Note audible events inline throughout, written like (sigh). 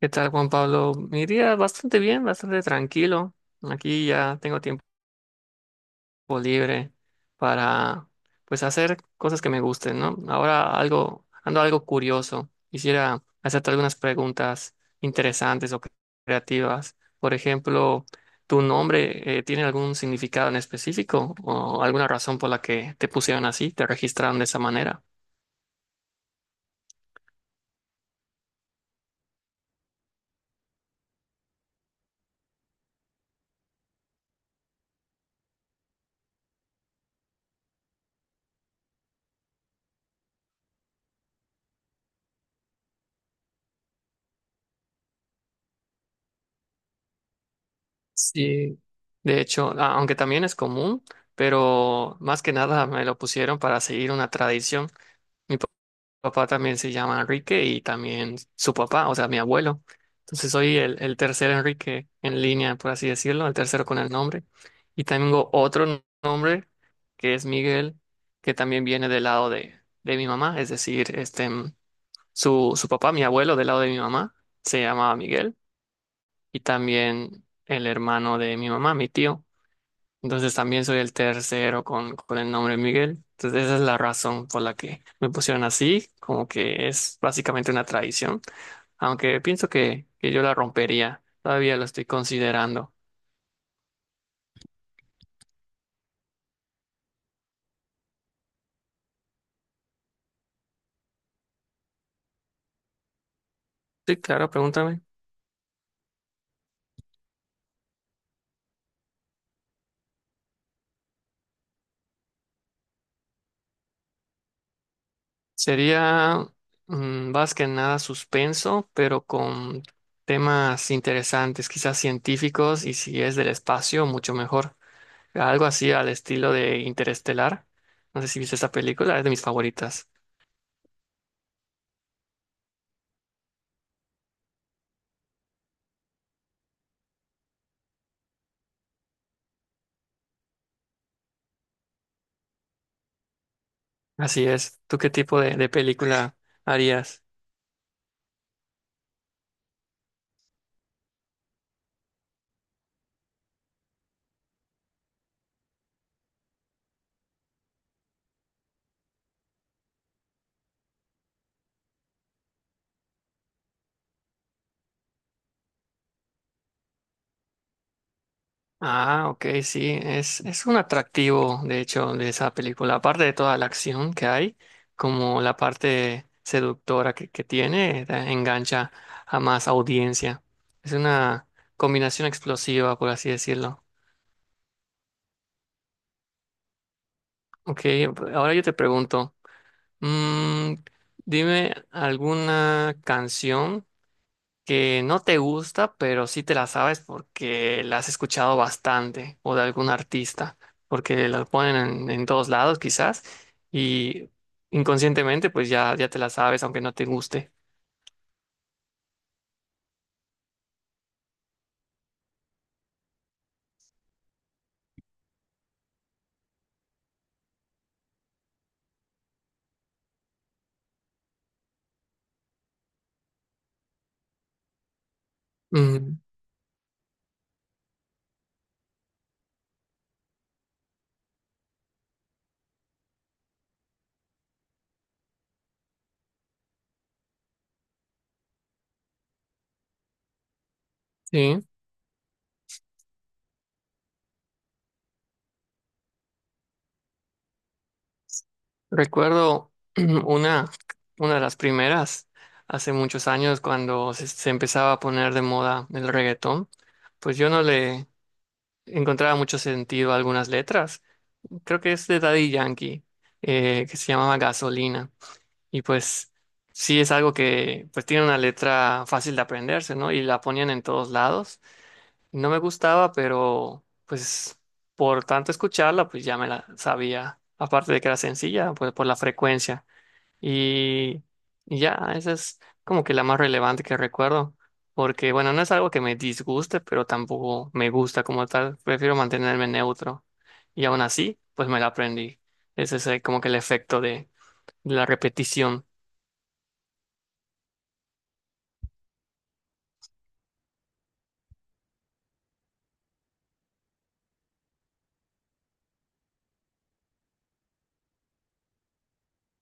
¿Qué tal, Juan Pablo? Mi día bastante bien, bastante tranquilo. Aquí ya tengo tiempo libre para, pues, hacer cosas que me gusten, ¿no? Ahora algo, ando algo curioso. Quisiera hacerte algunas preguntas interesantes o creativas. Por ejemplo, ¿tu nombre tiene algún significado en específico o alguna razón por la que te pusieron así, te registraron de esa manera? Sí. De hecho, aunque también es común, pero más que nada me lo pusieron para seguir una tradición. Mi papá también se llama Enrique y también su papá, o sea, mi abuelo. Entonces soy el tercer Enrique en línea, por así decirlo, el tercero con el nombre. Y tengo otro nombre que es Miguel, que también viene del lado de mi mamá, es decir, su papá, mi abuelo del lado de mi mamá, se llamaba Miguel, y también el hermano de mi mamá, mi tío. Entonces también soy el tercero con el nombre Miguel. Entonces esa es la razón por la que me pusieron así, como que es básicamente una tradición, aunque pienso que yo la rompería, todavía lo estoy considerando. Sí, claro, pregúntame. Sería más que nada suspenso, pero con temas interesantes, quizás científicos, y si es del espacio, mucho mejor. Algo así al estilo de Interestelar. No sé si viste esa película, es de mis favoritas. Así es. ¿Tú qué tipo de película harías? Ah, ok, sí, es un atractivo, de hecho, de esa película. Aparte de toda la acción que hay, como la parte seductora que tiene, engancha a más audiencia. Es una combinación explosiva, por así decirlo. Ok, ahora yo te pregunto, mm, dime alguna canción que no te gusta, pero sí te la sabes porque la has escuchado bastante o de algún artista, porque la ponen en todos lados quizás, y inconscientemente pues ya te la sabes aunque no te guste. Mm, sí, recuerdo (clears throat) una, una de las primeras hace muchos años cuando se empezaba a poner de moda el reggaetón, pues yo no le encontraba mucho sentido a algunas letras. Creo que es de Daddy Yankee, que se llamaba Gasolina. Y pues sí, es algo que pues tiene una letra fácil de aprenderse, ¿no? Y la ponían en todos lados. No me gustaba, pero pues por tanto escucharla, pues ya me la sabía. Aparte de que era sencilla, pues por la frecuencia. Y, y ya, esa es como que la más relevante que recuerdo. Porque bueno, no es algo que me disguste, pero tampoco me gusta como tal. Prefiero mantenerme neutro. Y aún así, pues me la aprendí. Ese es como que el efecto de la repetición.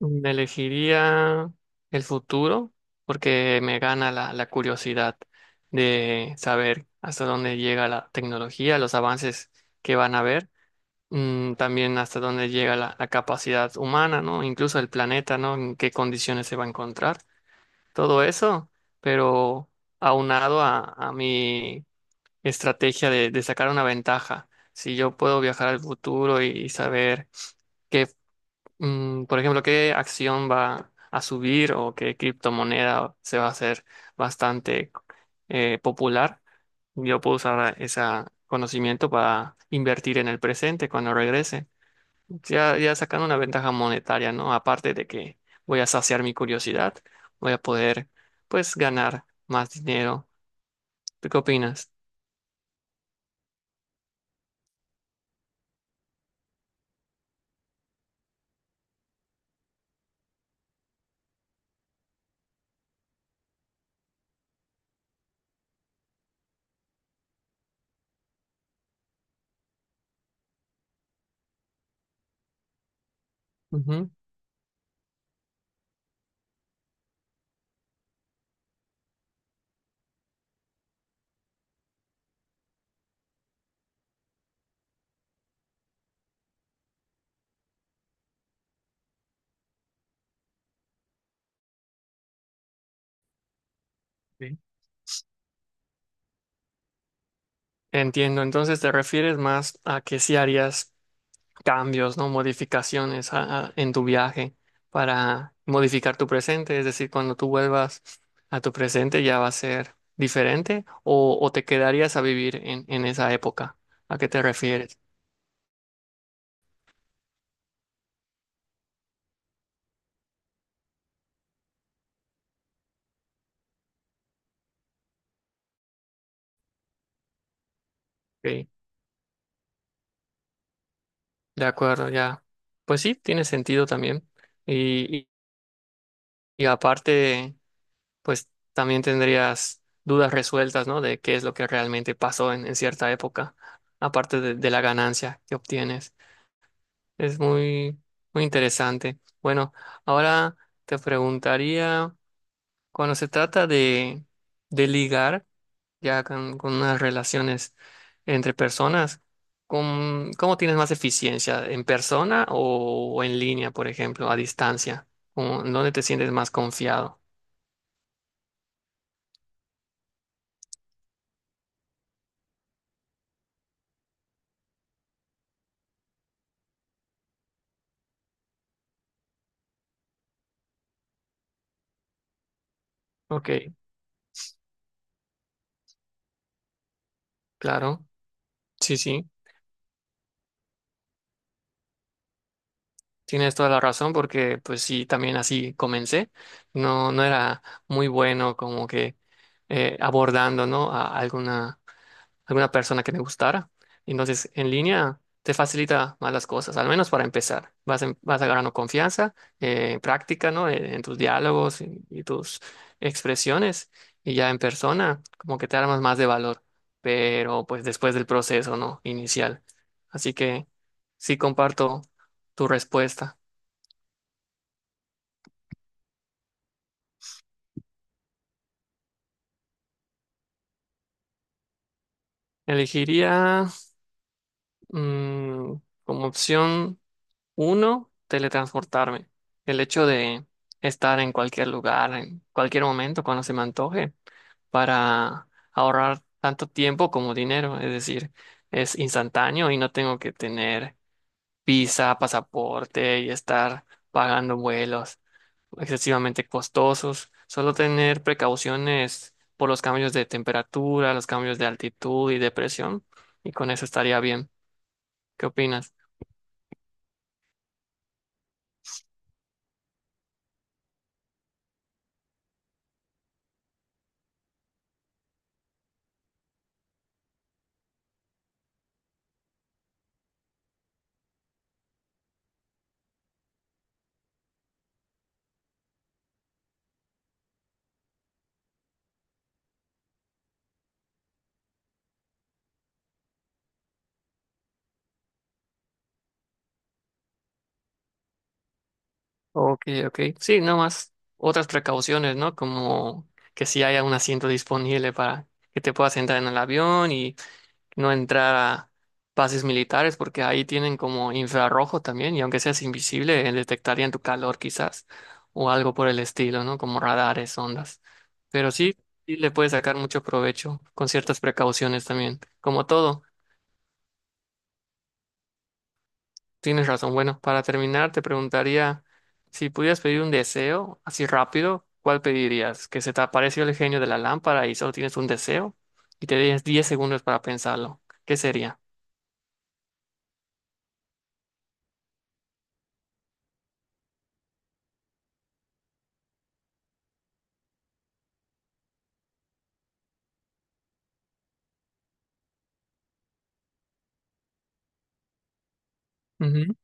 Mm, elegiría el futuro porque me gana la curiosidad de saber hasta dónde llega la tecnología, los avances que van a haber, también hasta dónde llega la capacidad humana, ¿no? Incluso el planeta, ¿no? En qué condiciones se va a encontrar, todo eso, pero aunado a mi estrategia de sacar una ventaja. Si yo puedo viajar al futuro y saber... qué... por ejemplo, ¿qué acción va a subir o qué criptomoneda se va a hacer bastante popular? Yo puedo usar ese conocimiento para invertir en el presente cuando regrese. Ya sacando una ventaja monetaria, ¿no? Aparte de que voy a saciar mi curiosidad, voy a poder, pues, ganar más dinero. ¿Tú qué opinas? Ujú. Sí. Entiendo, entonces te refieres más a que si harías cambios, ¿no? Modificaciones en tu viaje para modificar tu presente. Es decir, cuando tú vuelvas a tu presente ya va a ser diferente, o te quedarías a vivir en esa época. ¿A qué te refieres? Ok, de acuerdo, ya. Pues sí, tiene sentido también. Y, y- y aparte, pues también tendrías dudas resueltas, ¿no? De qué es lo que realmente pasó en cierta época, aparte de la ganancia que obtienes. Es muy, muy interesante. Bueno, ahora te preguntaría, cuando se trata de ligar ya con unas relaciones entre personas, ¿cómo, cómo tienes más eficiencia? ¿En persona o en línea, por ejemplo, a distancia? ¿Dónde te sientes más confiado? Ok, claro, sí, sí. Tienes toda la razón porque pues sí, también así comencé. No era muy bueno como que abordando, ¿no? A alguna persona que me gustara. Entonces, en línea te facilita más las cosas, al menos para empezar. Vas, vas agarrando confianza, práctica, ¿no? En tus diálogos y tus expresiones, y ya en persona, como que te armas más de valor, pero pues después del proceso, ¿no? Inicial. Así que sí comparto tu respuesta. Elegiría, mm, como opción uno, teletransportarme. El hecho de estar en cualquier lugar, en cualquier momento, cuando se me antoje, para ahorrar tanto tiempo como dinero. Es decir, es instantáneo y no tengo que tener visa, pasaporte y estar pagando vuelos excesivamente costosos. Solo tener precauciones por los cambios de temperatura, los cambios de altitud y de presión. Y con eso estaría bien. ¿Qué opinas? Ok, ok. Sí, nomás otras precauciones, ¿no? Como que si haya un asiento disponible para que te puedas entrar en el avión y no entrar a bases militares, porque ahí tienen como infrarrojo también, y aunque seas invisible, detectarían tu calor quizás, o algo por el estilo, ¿no? Como radares, ondas. Pero sí, sí le puedes sacar mucho provecho con ciertas precauciones también, como todo. Tienes razón. Bueno, para terminar, te preguntaría si pudieras pedir un deseo así rápido, ¿cuál pedirías? ¿Que se te apareció el genio de la lámpara y solo tienes un deseo? Y te tienes 10 segundos para pensarlo. ¿Qué sería? Ujú.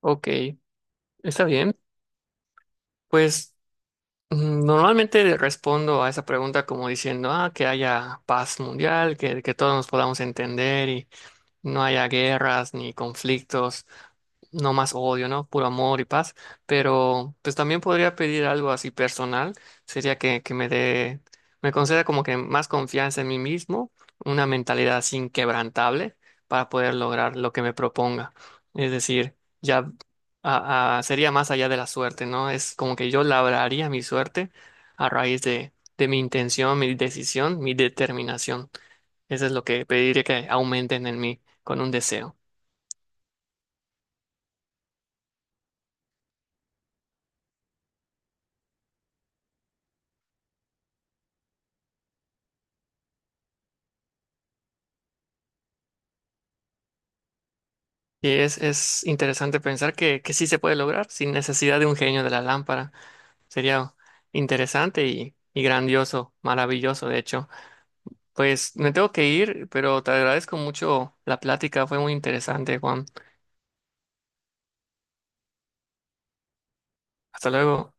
Ok, está bien. Pues, normalmente respondo a esa pregunta como diciendo, ah, que haya paz mundial, que todos nos podamos entender y no haya guerras ni conflictos. No más odio, ¿no? Puro amor y paz. Pero pues también podría pedir algo así personal. Sería que me dé, me conceda como que más confianza en mí mismo, una mentalidad así inquebrantable para poder lograr lo que me proponga. Es decir, ya sería más allá de la suerte, ¿no? Es como que yo labraría mi suerte a raíz de mi intención, mi decisión, mi determinación. Eso es lo que pediría que aumenten en mí con un deseo. Es interesante pensar que sí se puede lograr sin necesidad de un genio de la lámpara. Sería interesante y grandioso, maravilloso, de hecho. Pues me tengo que ir, pero te agradezco mucho la plática, fue muy interesante, Juan. Hasta luego.